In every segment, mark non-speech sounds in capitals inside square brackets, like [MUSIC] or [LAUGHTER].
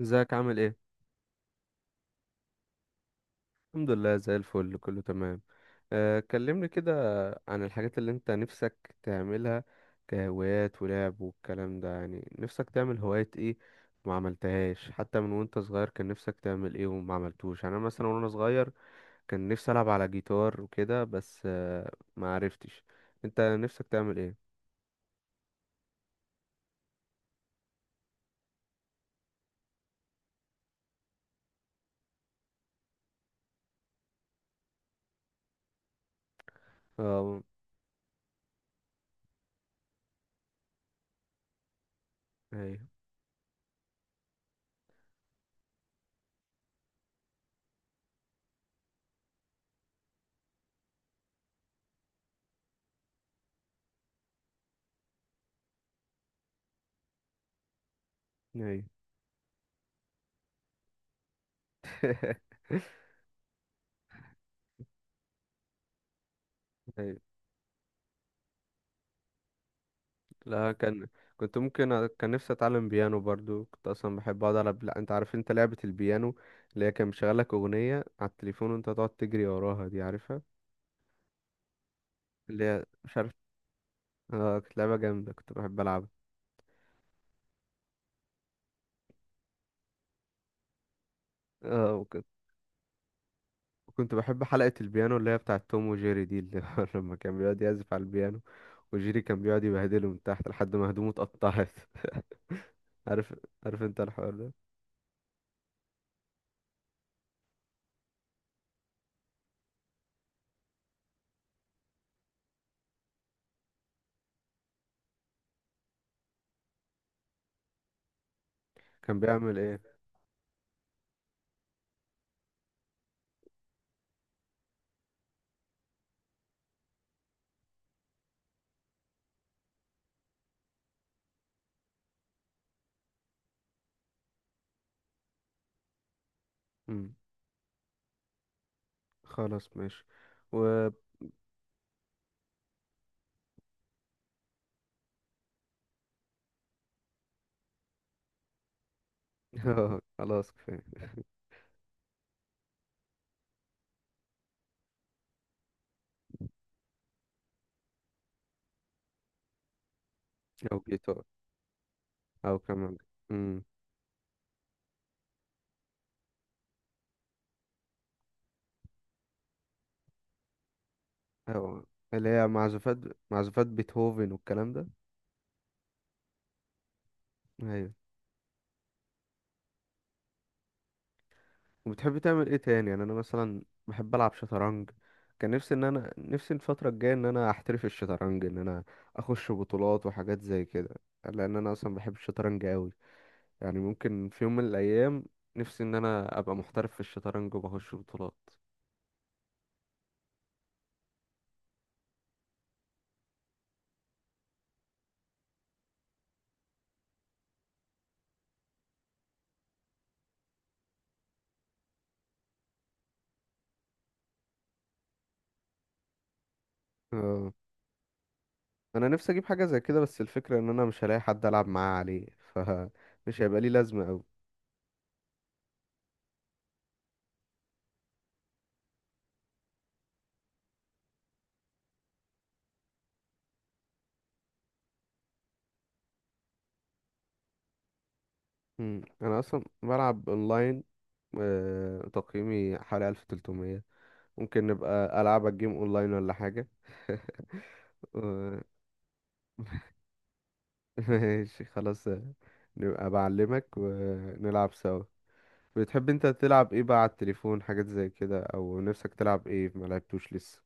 ازيك؟ عامل ايه؟ الحمد لله، زي الفل، كله تمام. كلمني كده عن الحاجات اللي انت نفسك تعملها، كهوايات ولعب والكلام ده. يعني نفسك تعمل هوايات ايه وما عملتهاش حتى من وانت صغير؟ كان نفسك تعمل ايه وما عملتوش؟ يعني انا مثلا وانا صغير كان نفسي العب على جيتار وكده، بس ما عرفتش. انت نفسك تعمل ايه؟ اه. ايوه. ايوه. [LAUGHS] [LAUGHS] لا كان، كان نفسي اتعلم بيانو برضو، كنت اصلا بحب اقعد على انت عارف انت لعبة البيانو اللي هي كان مشغلك اغنية على التليفون وانت تقعد تجري وراها، دي عارفها؟ اللي هي مش عارف. اه كانت لعبة جامدة، كنت بحب العبها. اه كنت بحب حلقة البيانو اللي هي بتاعة توم وجيري دي، اللي هو [LAUGHS] لما كان بيقعد يعزف على البيانو وجيري كان بيقعد يبهدله من تحت لحد ما هدومه اتقطعت. [LAUGHS] عارف؟ عارف انت الحوار ده؟ كان بيعمل ايه؟ مم. خلاص ماشي. و [LAUGHS] خلاص كفاية. أو جيتار. أو كمان. امم أو اللي هي معزوفات، معزوفات بيتهوفن والكلام ده. أيوة. وبتحب تعمل إيه تاني؟ يعني أنا مثلا بحب ألعب شطرنج، كان نفسي إن أنا، نفسي الفترة الجاية إن أنا أحترف الشطرنج، إن أنا أخش بطولات وحاجات زي كده، لأن أنا أصلا بحب الشطرنج أوي. يعني ممكن في يوم من الأيام نفسي إن أنا أبقى محترف في الشطرنج وبخش بطولات. اه انا نفسي اجيب حاجه زي كده، بس الفكره ان انا مش هلاقي حد العب معاه عليه، فمش هيبقى لي لازمه قوي. مم. انا اصلا بلعب اونلاين. تقييمي حوالي 1300. ممكن نبقى العب الجيم اونلاين ولا حاجه. [LAUGHS] و- [LAUGHS] ماشي خلاص. نبقى بعلمك ونلعب سوا. بتحب انت تلعب ايه بقى على التليفون، حاجات زي كده؟ او نفسك تلعب ايه ما لعبتوش لسه؟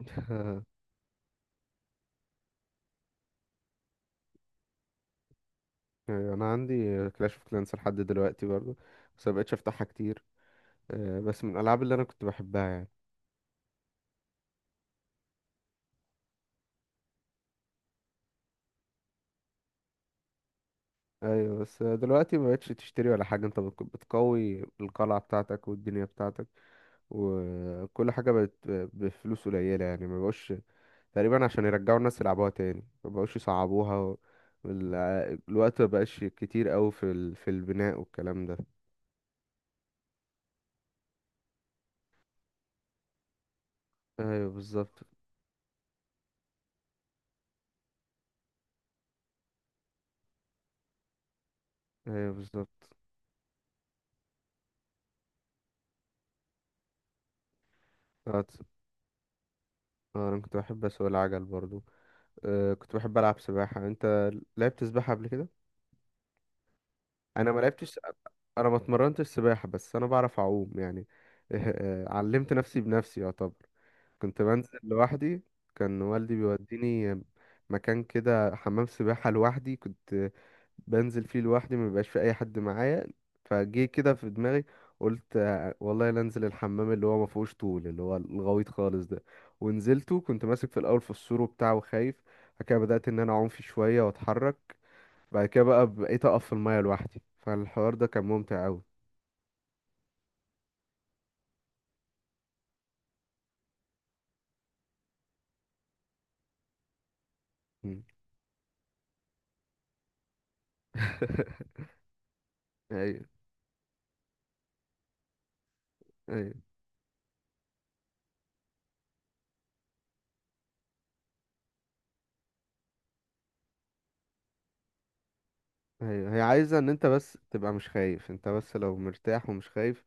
[LAUGHS] أيوة، انا عندي كلاش اوف كلانس لحد دلوقتي برضه، بس مبقتش افتحها كتير. بس من الالعاب اللي انا كنت بحبها يعني. ايوه بس دلوقتي ما بقتش تشتري ولا حاجه، انت بتقوي القلعه بتاعتك والدنيا بتاعتك، وكل حاجه بقت بفلوس قليله، يعني ما بقوش تقريبا عشان يرجعوا الناس يلعبوها تاني، ما بقوش يصعبوها وال- الوقت ما بقاش كتير قوي في في البناء والكلام ده. ايوه بالظبط. ايوه بالظبط. اه تص- انا كنت بحب اسوق العجل برضو. أه كنت بحب العب سباحه. انت لعبت سباحه قبل كده؟ انا ما لعبتش، انا ما اتمرنتش سباحة، بس انا بعرف اعوم يعني. [LAUGHS] علمت نفسي بنفسي يعتبر، كنت بنزل لوحدي. كان والدي بيوديني مكان كده، حمام سباحة لوحدي، كنت بنزل فيه لوحدي، ما بيبقاش في اي حد معايا. فجه كده في دماغي، قلت والله لا انزل الحمام اللي هو ما فيهوش طول، اللي هو الغويط خالص ده. ونزلته، كنت ماسك في الاول في السور وبتاع وخايف، بعد كده بدأت ان انا اعوم فيه شوية واتحرك، بعد كده بقى بقيت اقف في المايه لوحدي، فالحوار ده كان ممتع قوي. [LAUGHS] ايوه. ايوه. ايوه هي عايزه ان انت بس تبقى مش خايف، انت بس لو مرتاح ومش خايف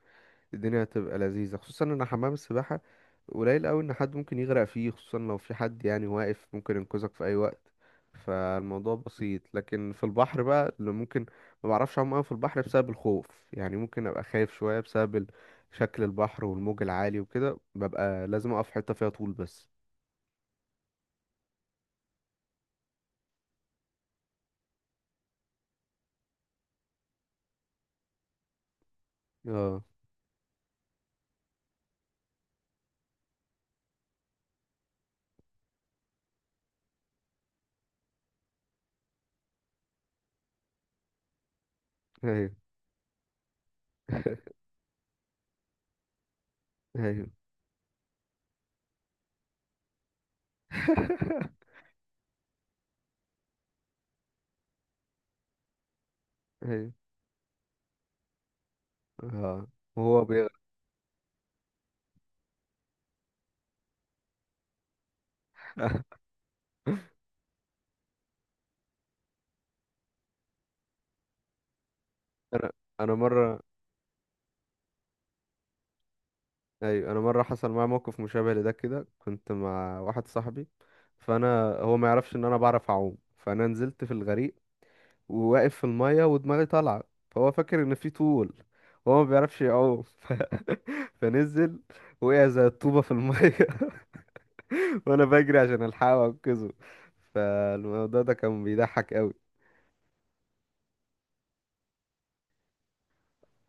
الدنيا هتبقى لذيذه. خصوصا ان حمام السباحه قليل قوي ان حد ممكن يغرق فيه، خصوصا لو في حد يعني واقف ممكن ينقذك في اي وقت، فالموضوع بسيط. لكن في البحر بقى اللي ممكن، ما بعرفش اعوم قوي في البحر بسبب الخوف، يعني ممكن ابقى خايف شويه بسبب شكل البحر والموج العالي وكده، ببقى لازم اقف في حته فيها طول بس. اه ايوه. [LAUGHS] ايوه. [LAUGHS] ايوه. اه وهو بيغرق. [LAUGHS] انا انا مره، ايوه انا مره حصل معايا موقف مشابه لده كده، كنت مع واحد صاحبي، فانا، هو ما يعرفش ان انا بعرف اعوم، فانا نزلت في الغريق وواقف في الميه ودماغي طالعه، فهو فاكر ان في طول. هو ما بيعرفش يعوم. [LAUGHS] فنزل، وقع زي الطوبه في الميه. [LAUGHS] وانا بجري عشان الحقه وانقذه، فالموضوع ده كان بيضحك قوي.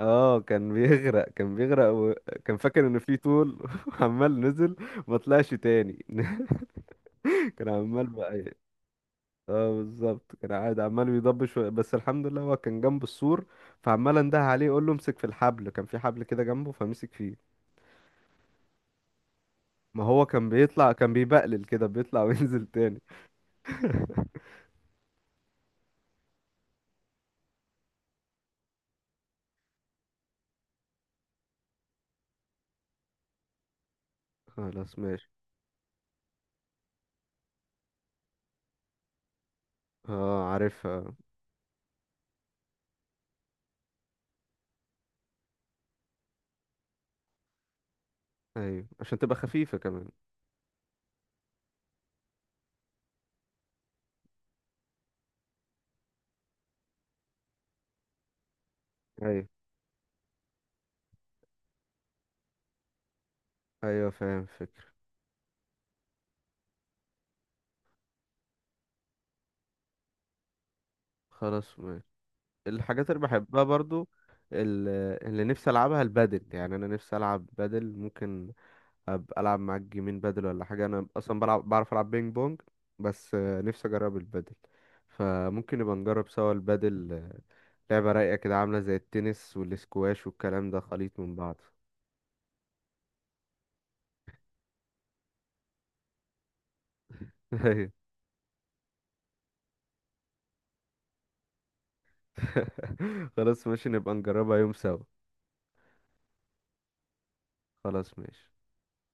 اه كان بيغرق، كان بيغرق وكان فاكر ان في طول. [LAUGHS] عمال نزل، ما طلعش تاني. [LAUGHS] كان عمال بقى ي- اه بالظبط، كان قاعد عمال بيضبش شوية، بس الحمد لله هو كان جنب السور، فعمال انده عليه يقول له امسك في الحبل، كان في حبل كده جنبه فمسك فيه. ما هو كان بيطلع، كان بيبقلل كده بيطلع [LAUGHS] وينزل تاني. خلاص ماشي. اه عارفها. ايوه عشان تبقى خفيفة كمان. ايوه. ايوه فاهم فكرة. خلاص ماشي. الحاجات اللي بحبها برضو، ال- اللي نفسي العبها البادل، يعني انا نفسي العب بادل. ممكن ابقى العب معاك جيمين بادل ولا حاجه؟ انا اصلا بلعب، بعرف العب بينج بونج، بس نفسي اجرب البادل، فممكن نبقى نجرب سوا البادل. لعبه رايقه كده، عامله زي التنس والاسكواش والكلام ده، خليط من بعض. [LAUGHS] أيوة. [LAUGHS] خلاص ماشي، نبقى نجربها يوم سوا. خلاص ماشي.